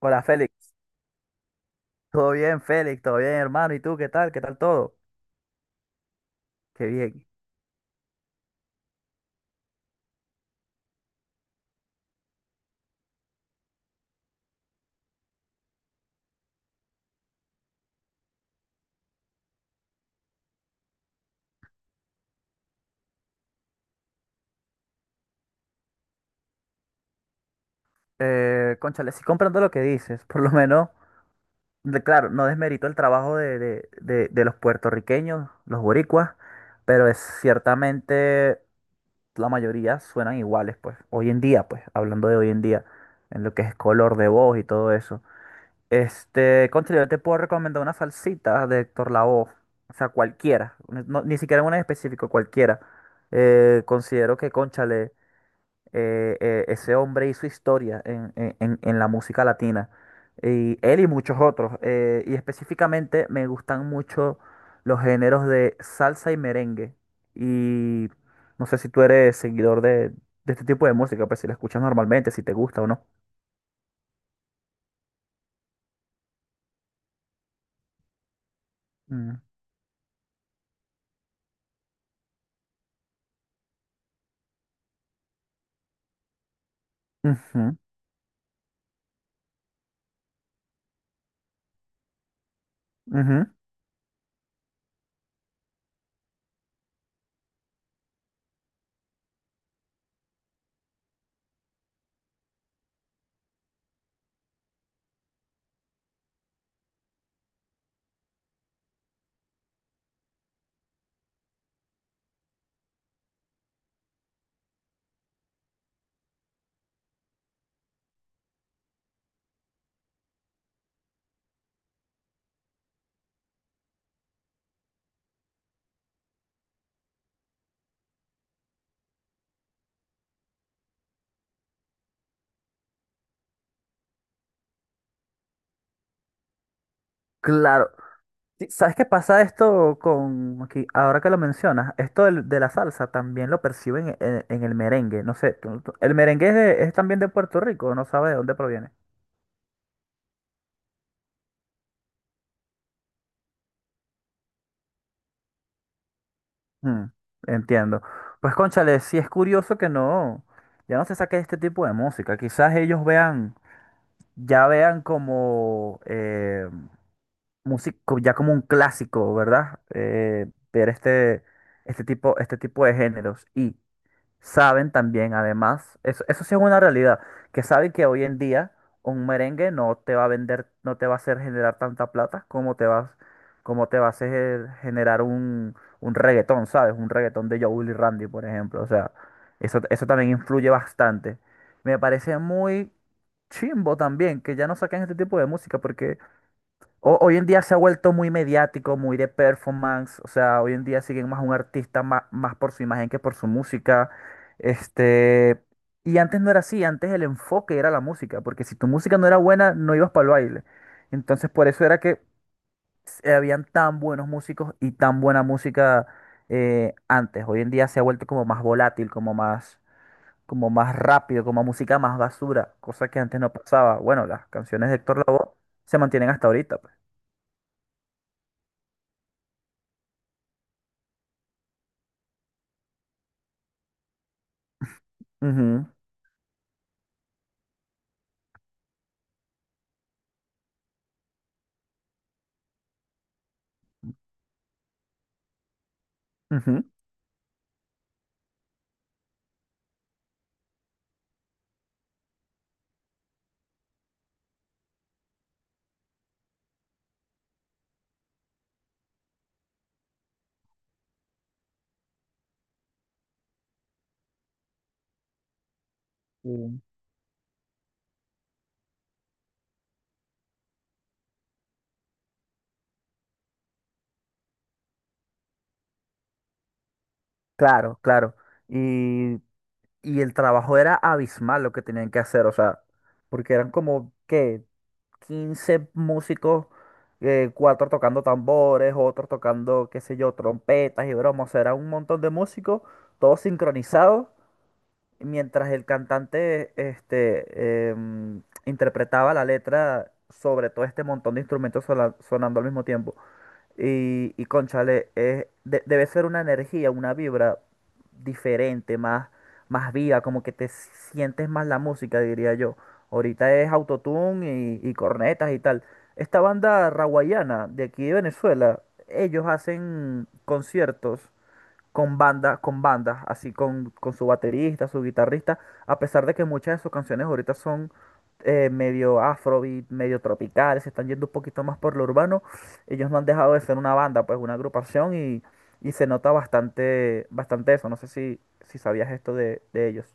Hola Félix, todo bien hermano, ¿y tú qué tal? ¿Qué tal todo? Qué bien. Cónchale, sí comprendo lo que dices, por lo menos, claro, no desmerito el trabajo de los puertorriqueños, los boricuas, pero es ciertamente la mayoría suenan iguales, pues, hoy en día, pues, hablando de hoy en día, en lo que es color de voz y todo eso. Cónchale, yo te puedo recomendar una salsita de Héctor Lavoe. O sea, cualquiera. Ni ni siquiera una en específico, cualquiera. Considero que, cónchale, ese hombre hizo historia en la música latina. Y él y muchos otros. Y específicamente me gustan mucho los géneros de salsa y merengue. Y no sé si tú eres seguidor de este tipo de música, pues si la escuchas normalmente, si te gusta o no. Mm. Ujú, ujú. Claro. Sí, ¿sabes qué pasa esto con, aquí, ahora que lo mencionas? Esto de, la salsa también lo perciben en el merengue. No sé, el merengue es, es también de Puerto Rico, no sabe de dónde proviene. Mm, entiendo. Pues cónchale, sí es curioso que no, ya no se saque este tipo de música. Quizás ellos vean, ya vean como músico, ya como un clásico, ¿verdad? Ver este, este tipo de géneros. Y saben también, además, eso sí es una realidad, que saben que hoy en día un merengue no te va a vender, no te va a hacer generar tanta plata como te vas, como te va a hacer generar un reggaetón, ¿sabes? Un reggaetón de Joel y Randy, por ejemplo. O sea, eso también influye bastante. Me parece muy chimbo también que ya no saquen este tipo de música, porque hoy en día se ha vuelto muy mediático, muy de performance, o sea, hoy en día siguen más a un artista más, por su imagen que por su música. Este, y antes no era así, antes el enfoque era la música, porque si tu música no era buena, no ibas para el baile. Entonces, por eso era que habían tan buenos músicos y tan buena música antes. Hoy en día se ha vuelto como más volátil, como más rápido, como música más basura, cosa que antes no pasaba. Bueno, las canciones de Héctor Lavoe se mantienen hasta ahorita, pues. Ujú. Ujú. Y- Claro, claro. Y, y el trabajo era abismal lo que tenían que hacer, o sea, porque eran como, ¿qué? Quince músicos, cuatro tocando tambores, otros tocando, qué sé yo, trompetas y bromas, o sea, era un montón de músicos, todos sincronizados, mientras el cantante, este, interpretaba la letra sobre todo este montón de instrumentos sonando al mismo tiempo. Y cónchale, debe ser una energía, una vibra diferente, más, más viva, como que te sientes más la música, diría yo. Ahorita es autotune y cornetas y tal. Esta banda raguayana de aquí de Venezuela, ellos hacen conciertos con banda, con bandas, así con su baterista, su guitarrista, a pesar de que muchas de sus canciones ahorita son medio afrobeat, medio tropicales, se están yendo un poquito más por lo urbano, ellos no han dejado de ser una banda, pues una agrupación y se nota bastante, bastante eso. No sé si, si sabías esto de ellos.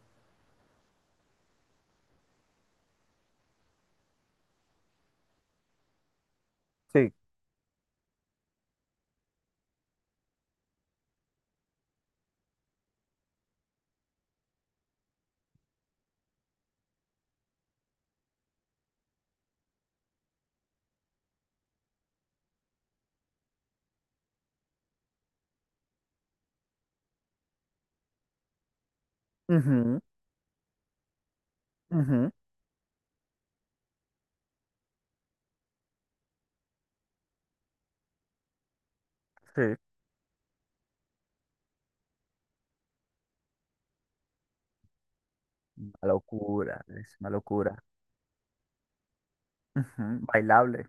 Sí, ujú, ujú, sí, una locura, es una locura. Ujú, bailable.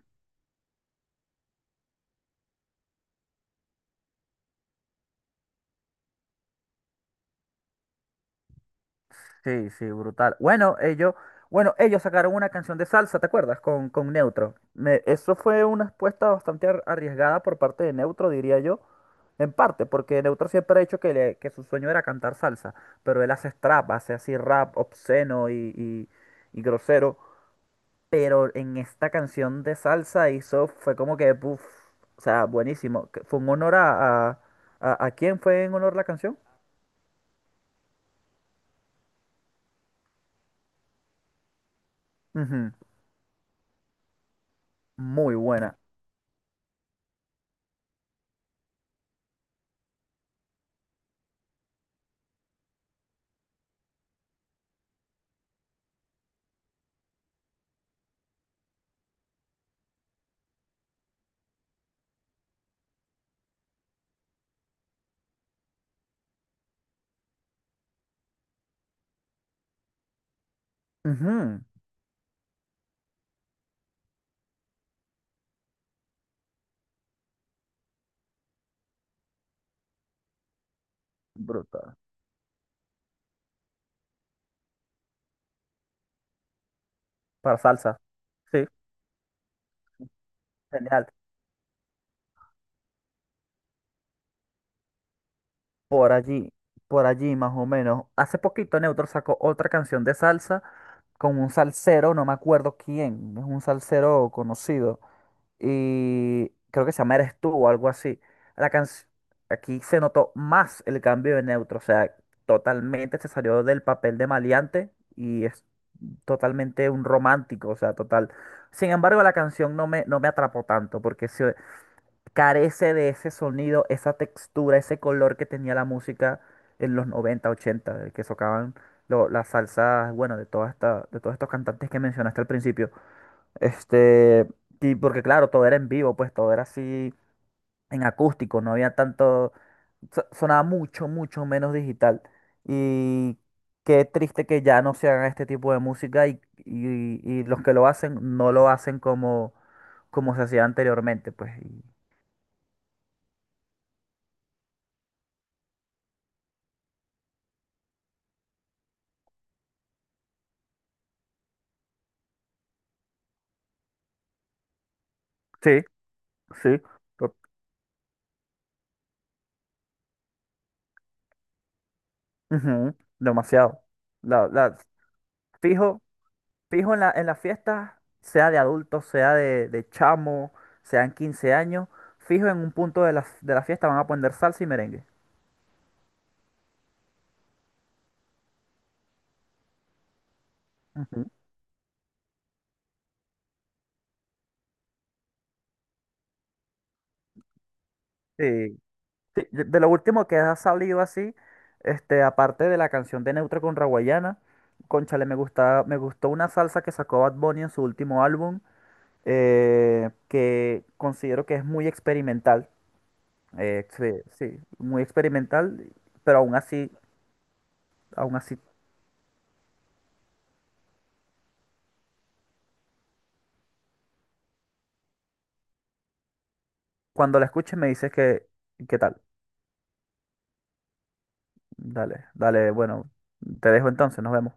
Sí, sí, brutal. Bueno, ellos sacaron una canción de salsa, ¿te acuerdas? Con Neutro. Eso fue una apuesta bastante arriesgada por parte de Neutro, diría yo. En parte, porque Neutro siempre ha dicho que, que su sueño era cantar salsa, pero él hace trap, hace así rap obsceno y, y grosero. Pero en esta canción de salsa hizo, fue como que, uff, o sea, buenísimo. Que fue un honor ¿a quién fue en honor la canción? Ujú, muy buena. Ujú. Brutal. Para salsa. Sí, genial. Por allí, por allí más o menos. Hace poquito Neutro sacó otra canción de salsa con un salsero, no me acuerdo quién, es un salsero conocido. Y creo que se llama Eres tú o algo así. La canción, aquí se notó más el cambio de Neutro, o sea, totalmente se salió del papel de maleante y es totalmente un romántico, o sea, total. Sin embargo, la canción no me, no me atrapó tanto porque sí, carece de ese sonido, esa textura, ese color que tenía la música en los 90, 80, de que tocaban las salsas, bueno, de toda esta, de todos estos cantantes que mencionaste al principio. Este, y porque claro, todo era en vivo, pues todo era así en acústico, no había tanto, sonaba mucho, mucho menos digital. Y qué triste que ya no se haga este tipo de música y, y los que lo hacen no lo hacen como, como se hacía anteriormente, pues. Y- Sí. Sí, to- ujú, demasiado. La, la- Fijo, fijo en la, en las fiestas, sea de adultos, sea de chamo, sean 15 años, fijo en un punto de la fiesta van a poner salsa y merengue. Ujú. Sí. Sí, de lo último que ha salido así, este, aparte de la canción de Neutro con Raguayana, cónchale, me gusta, me gustó una salsa que sacó Bad Bunny en su último álbum, que considero que es muy experimental. Sí, sí, muy experimental, pero aún así, cuando la escuches me dices que, ¿qué tal? Dale, dale, bueno, te dejo entonces, nos vemos.